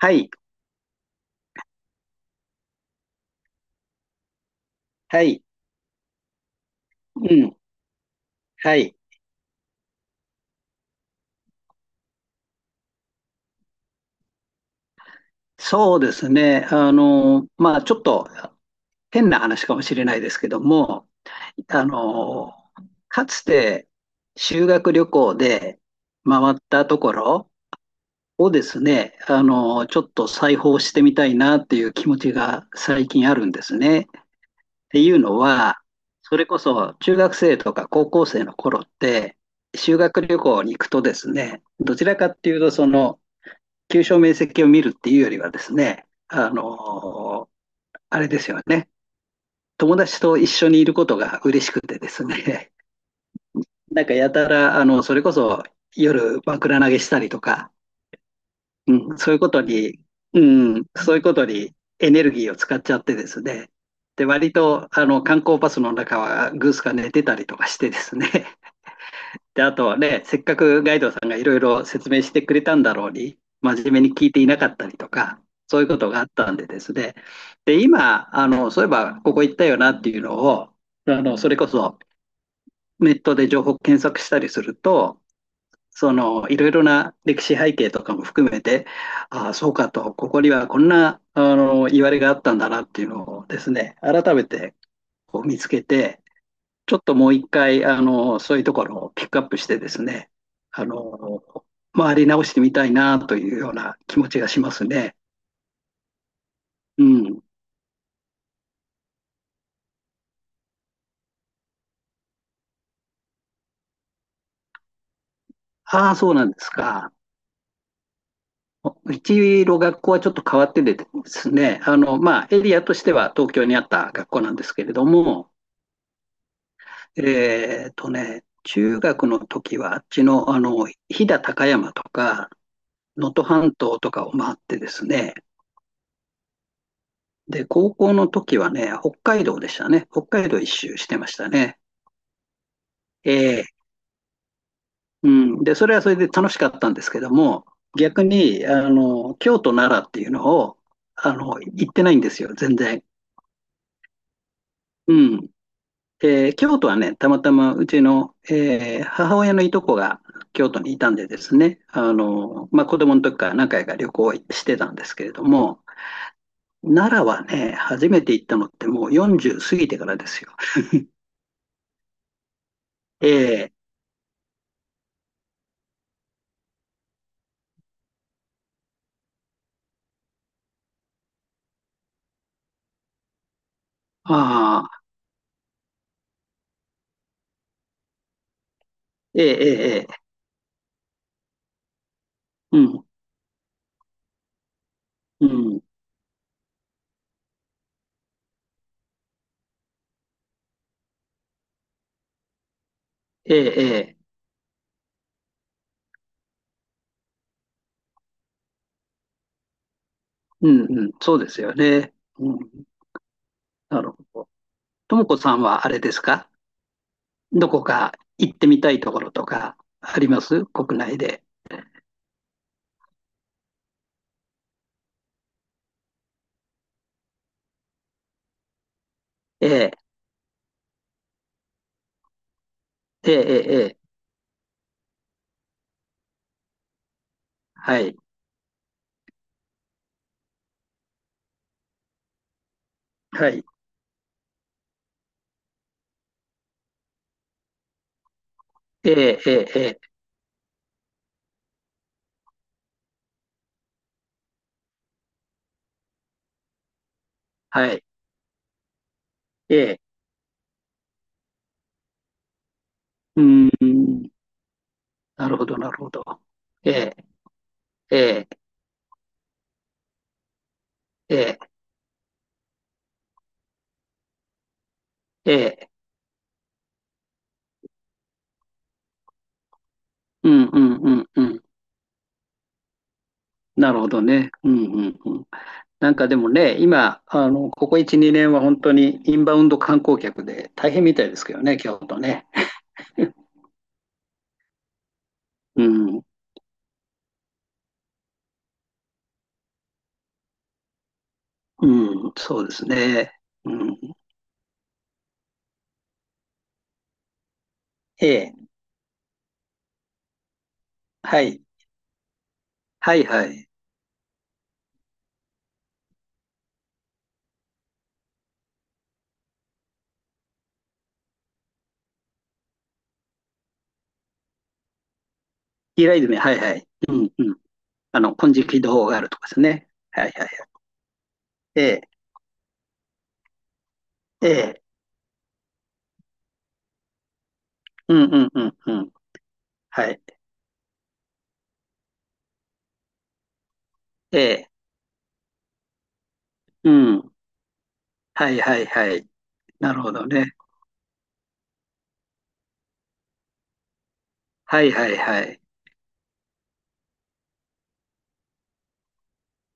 はい、はい、うん、はい。そうですね。まあ、ちょっと変な話かもしれないですけども、あの、かつて修学旅行で回ったところをですね、ちょっと再訪してみたいなっていう気持ちが最近あるんですね。っていうのは、それこそ中学生とか高校生の頃って、修学旅行に行くとですね、どちらかっていうと、急所面積を見るっていうよりはですね、あれですよね、友達と一緒にいることが嬉しくてですね、なんかやたら、それこそ夜枕投げしたりとか、うん、そういうことに、うん、そういうことにエネルギーを使っちゃってですね、で、割と、観光バスの中はグースが寝てたりとかしてですね、で、あとね、せっかくガイドさんがいろいろ説明してくれたんだろうに、真面目に聞いていなかったりとか、そういうことがあったんでですね。で、今、そういえばここ行ったよなっていうのを、それこそネットで情報検索したりすると、いろいろな歴史背景とかも含めて、ああ、そうかと、ここにはこんな、言われがあったんだなっていうのをですね、改めてこう見つけて、ちょっともう一回、そういうところをピックアップしてですね、あの、回り直してみたいなというような気持ちがしますね。うん。ああ、そうなんですか。うちの学校はちょっと変わっててですね、まあ、エリアとしては東京にあった学校なんですけれども、中学の時はあっちの、飛騨高山とか、能登半島とかを回ってですね、で、高校の時はね、北海道でしたね。北海道一周してましたね。ええ、うん。で、それはそれで楽しかったんですけども、逆に、京都、奈良っていうのを、行ってないんですよ、全然。うん。京都はね、たまたまうちの、母親のいとこが京都にいたんでですね、まあ、子供の時から何回か旅行してたんですけれども、奈良はね、初めて行ったのってもう40過ぎてからですよ。ええ、ああ、ええ、ええ、ええ、うん、うん、ええ、ええ、うん、うん、そうですよね。うん、なるほど。ともこさんはあれですか、どこか行ってみたいところとかあります国内で。ええ、ええ、ええ、ええ、はい、はい、ええ、ええ、ええ、はい、ええ、うん、なるほど、なるほど。ええ、ええ、ええ、ええ、うん、うん、うん、うん、なるほどね。うん、うん、うん。なんかでもね、今、ここ1、2年は本当にインバウンド観光客で大変みたいですけどね、京都ね。うん、うん、そうですね。うん、ええ、はい、はいはい。イライドメ、はいはい。うん、うん。金色堂があるとかですね。はいはいはい。ええ、ええ、うんうんうんうん。はい。ええ、うん。はいはいはい。なるほどね。はいはいはい。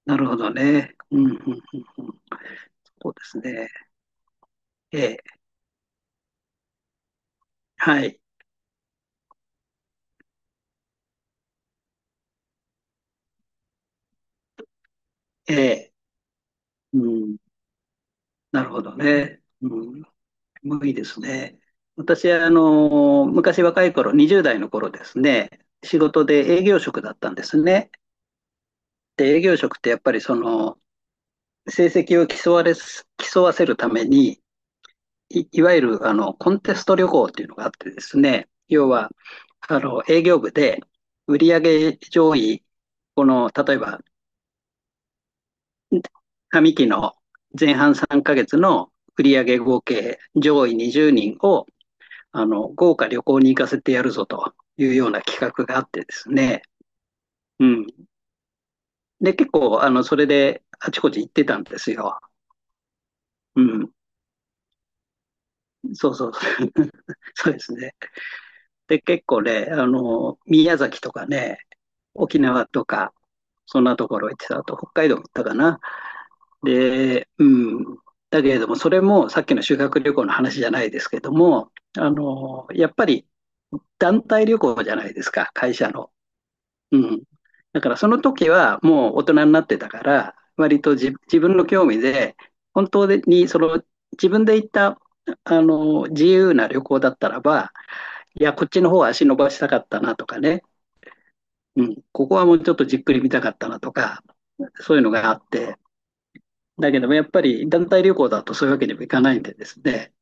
なるほどね。うん、うん、うん、うん。そうですね。ええ、はい。ええ。うん、なるほどね。うん、無理ですね。私は昔若い頃、20代の頃ですね、仕事で営業職だったんですね。で、営業職ってやっぱりその成績を競わせるために、いわゆるコンテスト旅行っていうのがあってですね、要は営業部で売上上位、この例えば上期の前半3ヶ月の売上合計上位20人を豪華旅行に行かせてやるぞというような企画があってですね。うん。で、結構、それであちこち行ってたんですよ。うん。そうそう。そうですね。で、結構ね、宮崎とかね、沖縄とか、そんなところ行ってた。あと、北海道行ったかな。で、うん。だけれども、それもさっきの修学旅行の話じゃないですけども、やっぱり団体旅行じゃないですか、会社の。うん。だからその時はもう大人になってたから、割と自分の興味で、本当にその自分で行った自由な旅行だったらば、いや、こっちの方は足伸ばしたかったなとかね、うん、ここはもうちょっとじっくり見たかったなとか、そういうのがあって、だけどもやっぱり団体旅行だとそういうわけにもいかないんでですね、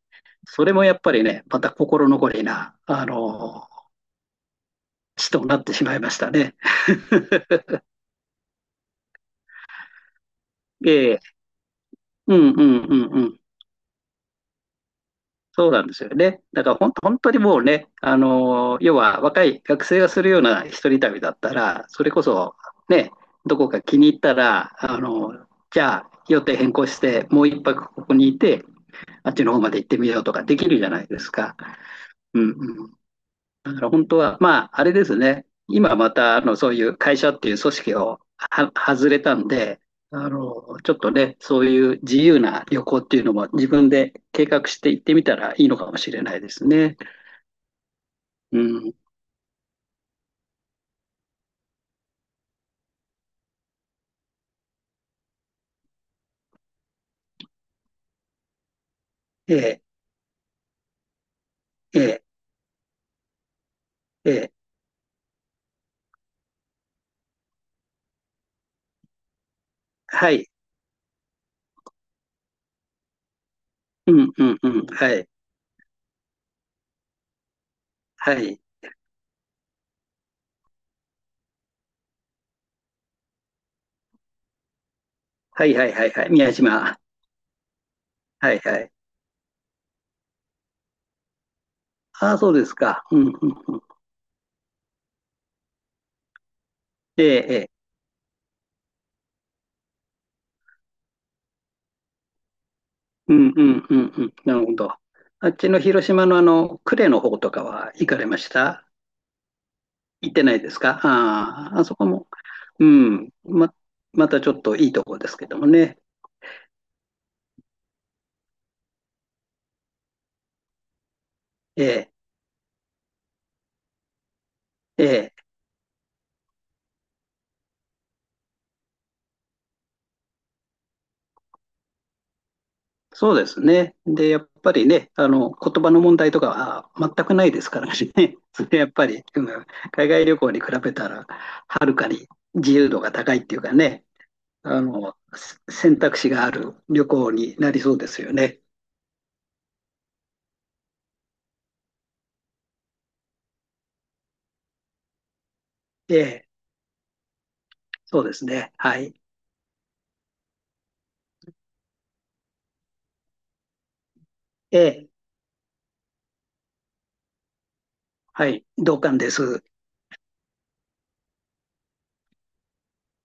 それもやっぱりね、また心残りな、地となってしまいましたね。ええ、うんうんうんうん。そうなんですよね。だから本当にもうね、要は若い学生がするような一人旅だったら、それこそね、どこか気に入ったら、じゃあ予定変更して、もう一泊ここにいて、あっちの方まで行ってみようとかできるじゃないですか。うんうん。だから本当は、まあ、あれですね。今また、そういう会社っていう組織をは外れたんで、ちょっとね、そういう自由な旅行っていうのも自分で計画して行ってみたらいいのかもしれないですね。うん。ええ、ええ、ええ。はい。うん、うん、うん。はい。はい。はい、はい、はい、はい。宮島。はい、はい。ああ、そうですか。うん、うん。ええ、ええ。うん、うん、うん、うん。なるほど。あっちの広島の呉の方とかは行かれました？行ってないですか、ああ、あそこも、うん、またちょっといいとこですけどもね。ええ、ええ、そうですね。で、やっぱりね、言葉の問題とかは全くないですからね。それやっぱり、うん、海外旅行に比べたら、はるかに自由度が高いっていうかね、選択肢がある旅行になりそうですよね。ええ、そうですね。はい。ええ、はい、同感です。